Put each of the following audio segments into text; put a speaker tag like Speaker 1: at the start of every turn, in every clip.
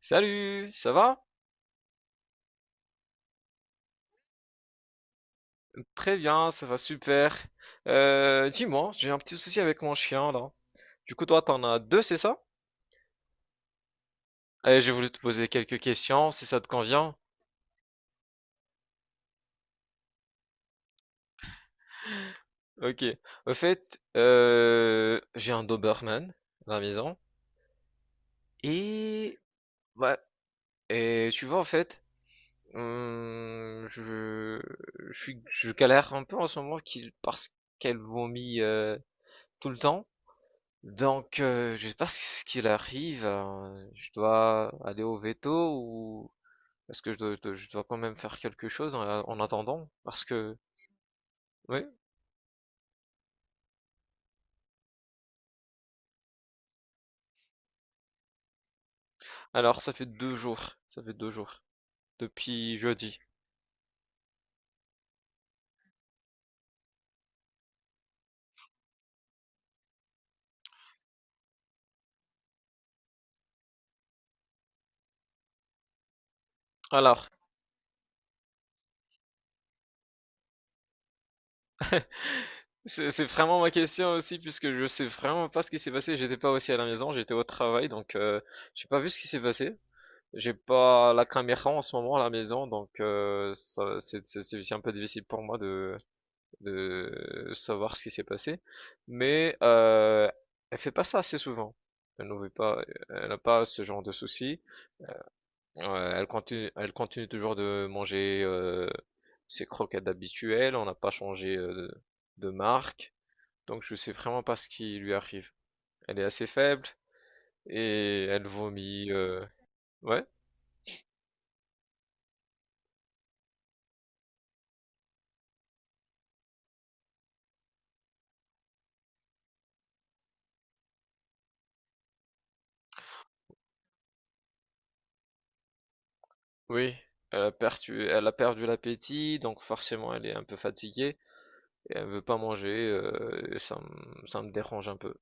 Speaker 1: Salut, ça va? Très bien, ça va super. Dis-moi, j'ai un petit souci avec mon chien là. Du coup, toi, t'en as deux, c'est ça? Allez, j'ai voulu te poser quelques questions, si ça te convient. Ok. Au fait, j'ai un Doberman à la maison. Et ouais, et tu vois en fait, hum, je, je galère un peu en ce moment parce qu'elle vomit tout le temps. Donc, je sais pas ce qu'il arrive. Je dois aller au veto ou est-ce que je dois quand même faire quelque chose en, en attendant? Parce que oui. Alors, ça fait deux jours. Ça fait deux jours depuis jeudi. Alors, c'est vraiment ma question aussi puisque je sais vraiment pas ce qui s'est passé. J'étais pas aussi à la maison. J'étais au travail, donc j'ai pas vu ce qui s'est passé. J'ai pas la caméra en ce moment à la maison, donc c'est un peu difficile pour moi de savoir ce qui s'est passé, mais elle fait pas ça assez souvent. Elle n'en veut pas, elle n'a pas ce genre de soucis. Elle continue, elle continue toujours de manger ses croquettes habituelles. On n'a pas changé de, marque, donc je sais vraiment pas ce qui lui arrive. Elle est assez faible et elle vomit. Ouais, oui. Elle a perdu l'appétit, donc forcément elle est un peu fatiguée et elle veut pas manger. Et ça me dérange un peu.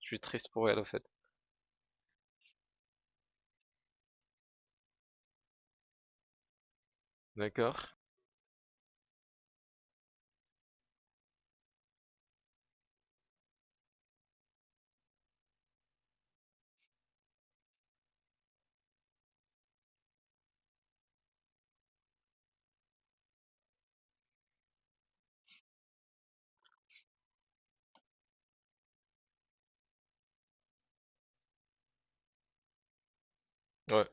Speaker 1: Je suis triste pour elle, en fait. D'accord. Ouais,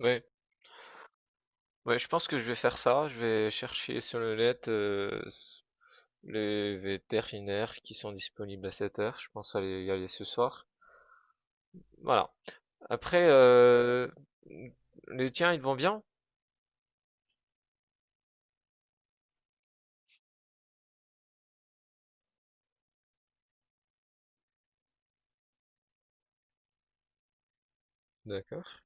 Speaker 1: ouais, ouais, je pense que je vais faire ça. Je vais chercher sur le net les vétérinaires qui sont disponibles à cette heure. Je pense aller y aller ce soir. Voilà. Après, les tiens, ils vont bien? D'accord.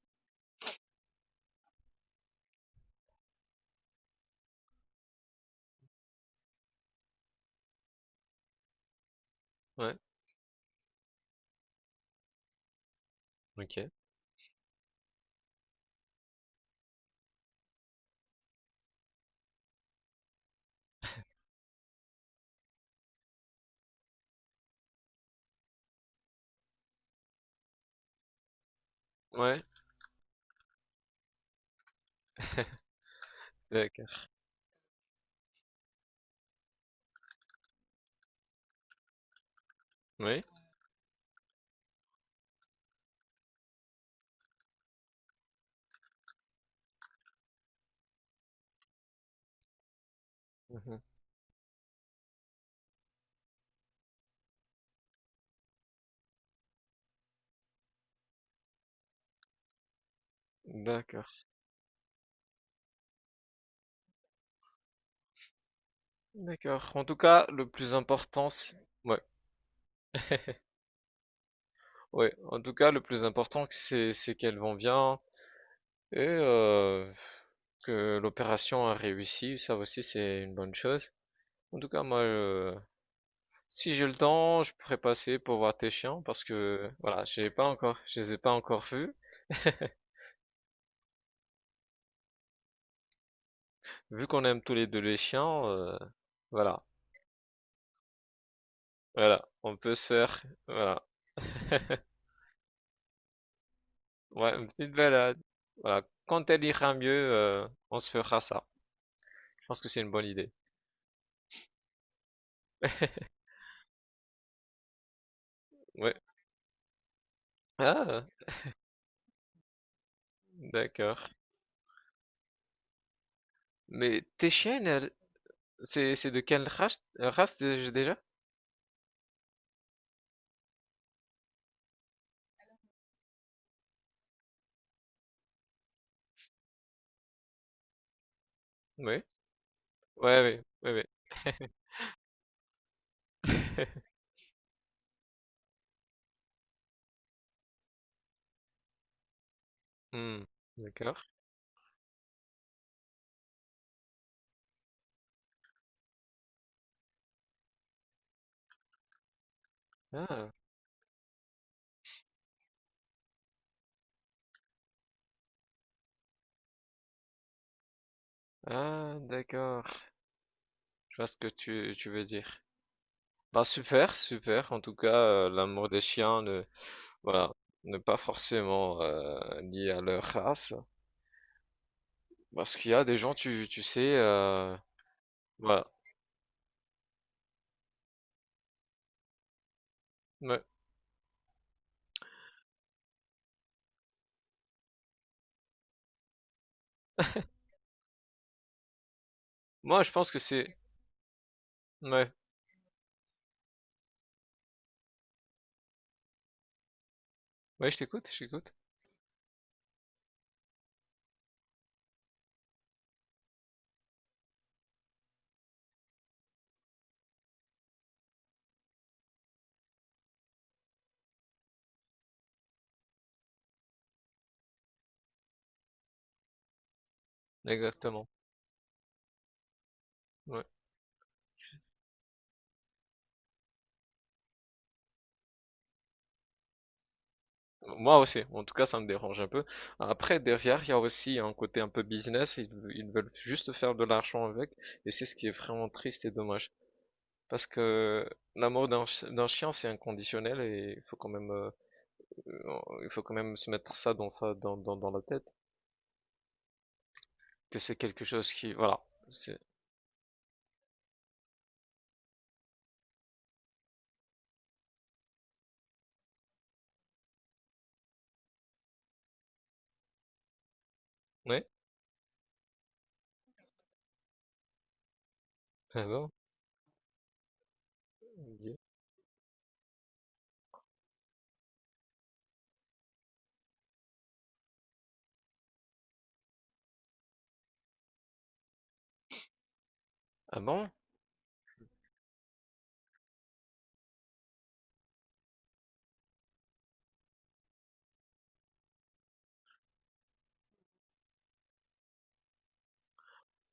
Speaker 1: Ouais. Ok. Ouais. D'accord. Oui. Mhm. D'accord. D'accord. En tout cas, le plus important, c'est... Ouais. Ouais. En tout cas, le plus important, c'est qu'elles vont bien. Et que l'opération a réussi, ça aussi c'est une bonne chose. En tout cas, moi, si j'ai le temps, je pourrais passer pour voir tes chiens parce que voilà, j'ai pas encore, je les ai pas encore vus. Vu qu'on aime tous les deux les chiens, voilà, voilà, on peut se faire, voilà, ouais, une petite balade. Voilà, quand elle ira mieux, on se fera ça. Je pense que c'est une bonne idée. Ouais. Ah, d'accord. Mais tes chiennes, c'est de quelle race, déjà? Oui. Ouais. Hmm, d'accord. Ah, ah, d'accord. Je vois ce que tu veux dire. Bah super, super. En tout cas, l'amour des chiens ne, voilà, n'est pas forcément lié à leur race, parce qu'il y a des gens, tu sais, voilà. Ouais. Moi, je pense que c'est, ouais, ouais, je t'écoute, je t'écoute. Exactement. Ouais. Moi aussi, en tout cas, ça me dérange un peu. Après, derrière, il y a aussi un côté un peu business, ils veulent juste faire de l'argent avec, et c'est ce qui est vraiment triste et dommage. Parce que l'amour d'un chien, c'est inconditionnel, et il faut quand même, euh, il faut quand même se mettre ça dans dans la tête, que c'est quelque chose qui, voilà, c'est, ouais, ah bon, ah bon,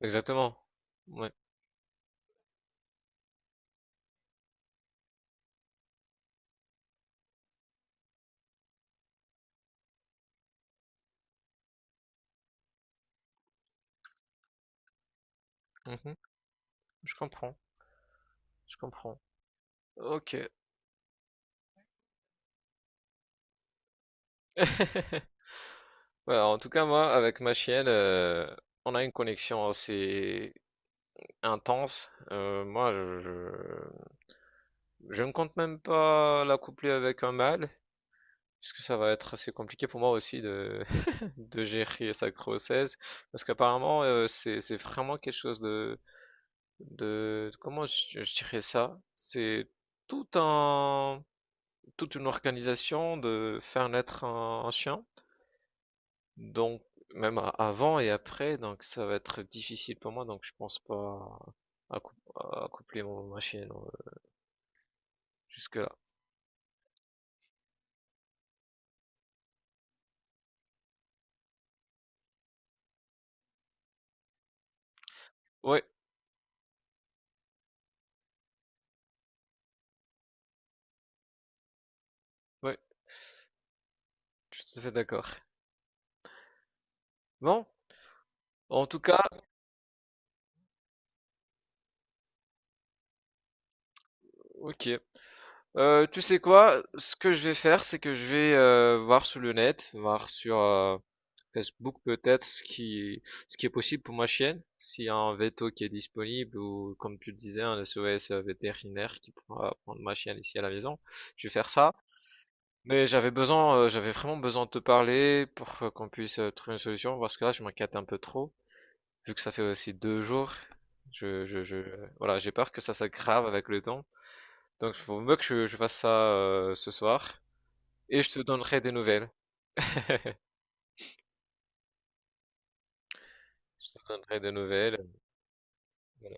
Speaker 1: exactement. Ouais. Mhm. Je comprends, je comprends. Ok. Ouais, en tout cas, moi, avec ma chienne, on a une connexion assez intense. Je ne compte même pas la coupler avec un mâle, puisque ça va être assez compliqué pour moi aussi de gérer sa grossesse parce qu'apparemment c'est vraiment quelque chose de comment je dirais ça? C'est tout un toute une organisation de faire naître un chien. Donc même avant et après donc ça va être difficile pour moi donc je pense pas à, à coupler mon ma chienne jusque-là. Ouais, ouais, je suis tout à fait d'accord. Bon, en tout cas, OK, tu sais quoi? Ce que je vais faire, c'est que je vais voir sur le net, voir sur Facebook peut-être ce qui est possible pour ma chienne, s'il y a un veto qui est disponible ou comme tu le disais un SOS vétérinaire qui pourra prendre ma chienne ici à la maison. Je vais faire ça. Mais j'avais vraiment besoin de te parler pour qu'on puisse trouver une solution parce que là je m'inquiète un peu trop vu que ça fait aussi deux jours. Je, je, je, voilà, j'ai peur que ça s'aggrave avec le temps. Donc, il faut mieux que je fasse ça ce soir. Et je te donnerai des nouvelles. Je te donnerai des nouvelles. Voilà.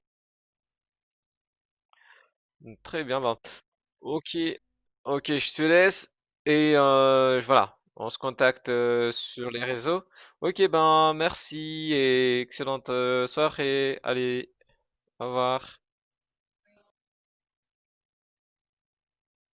Speaker 1: Mmh, très bien, ben. Ok, ok, je te laisse. Et voilà, on se contacte sur les réseaux. Ok, ben merci et excellente soirée. Allez, au revoir.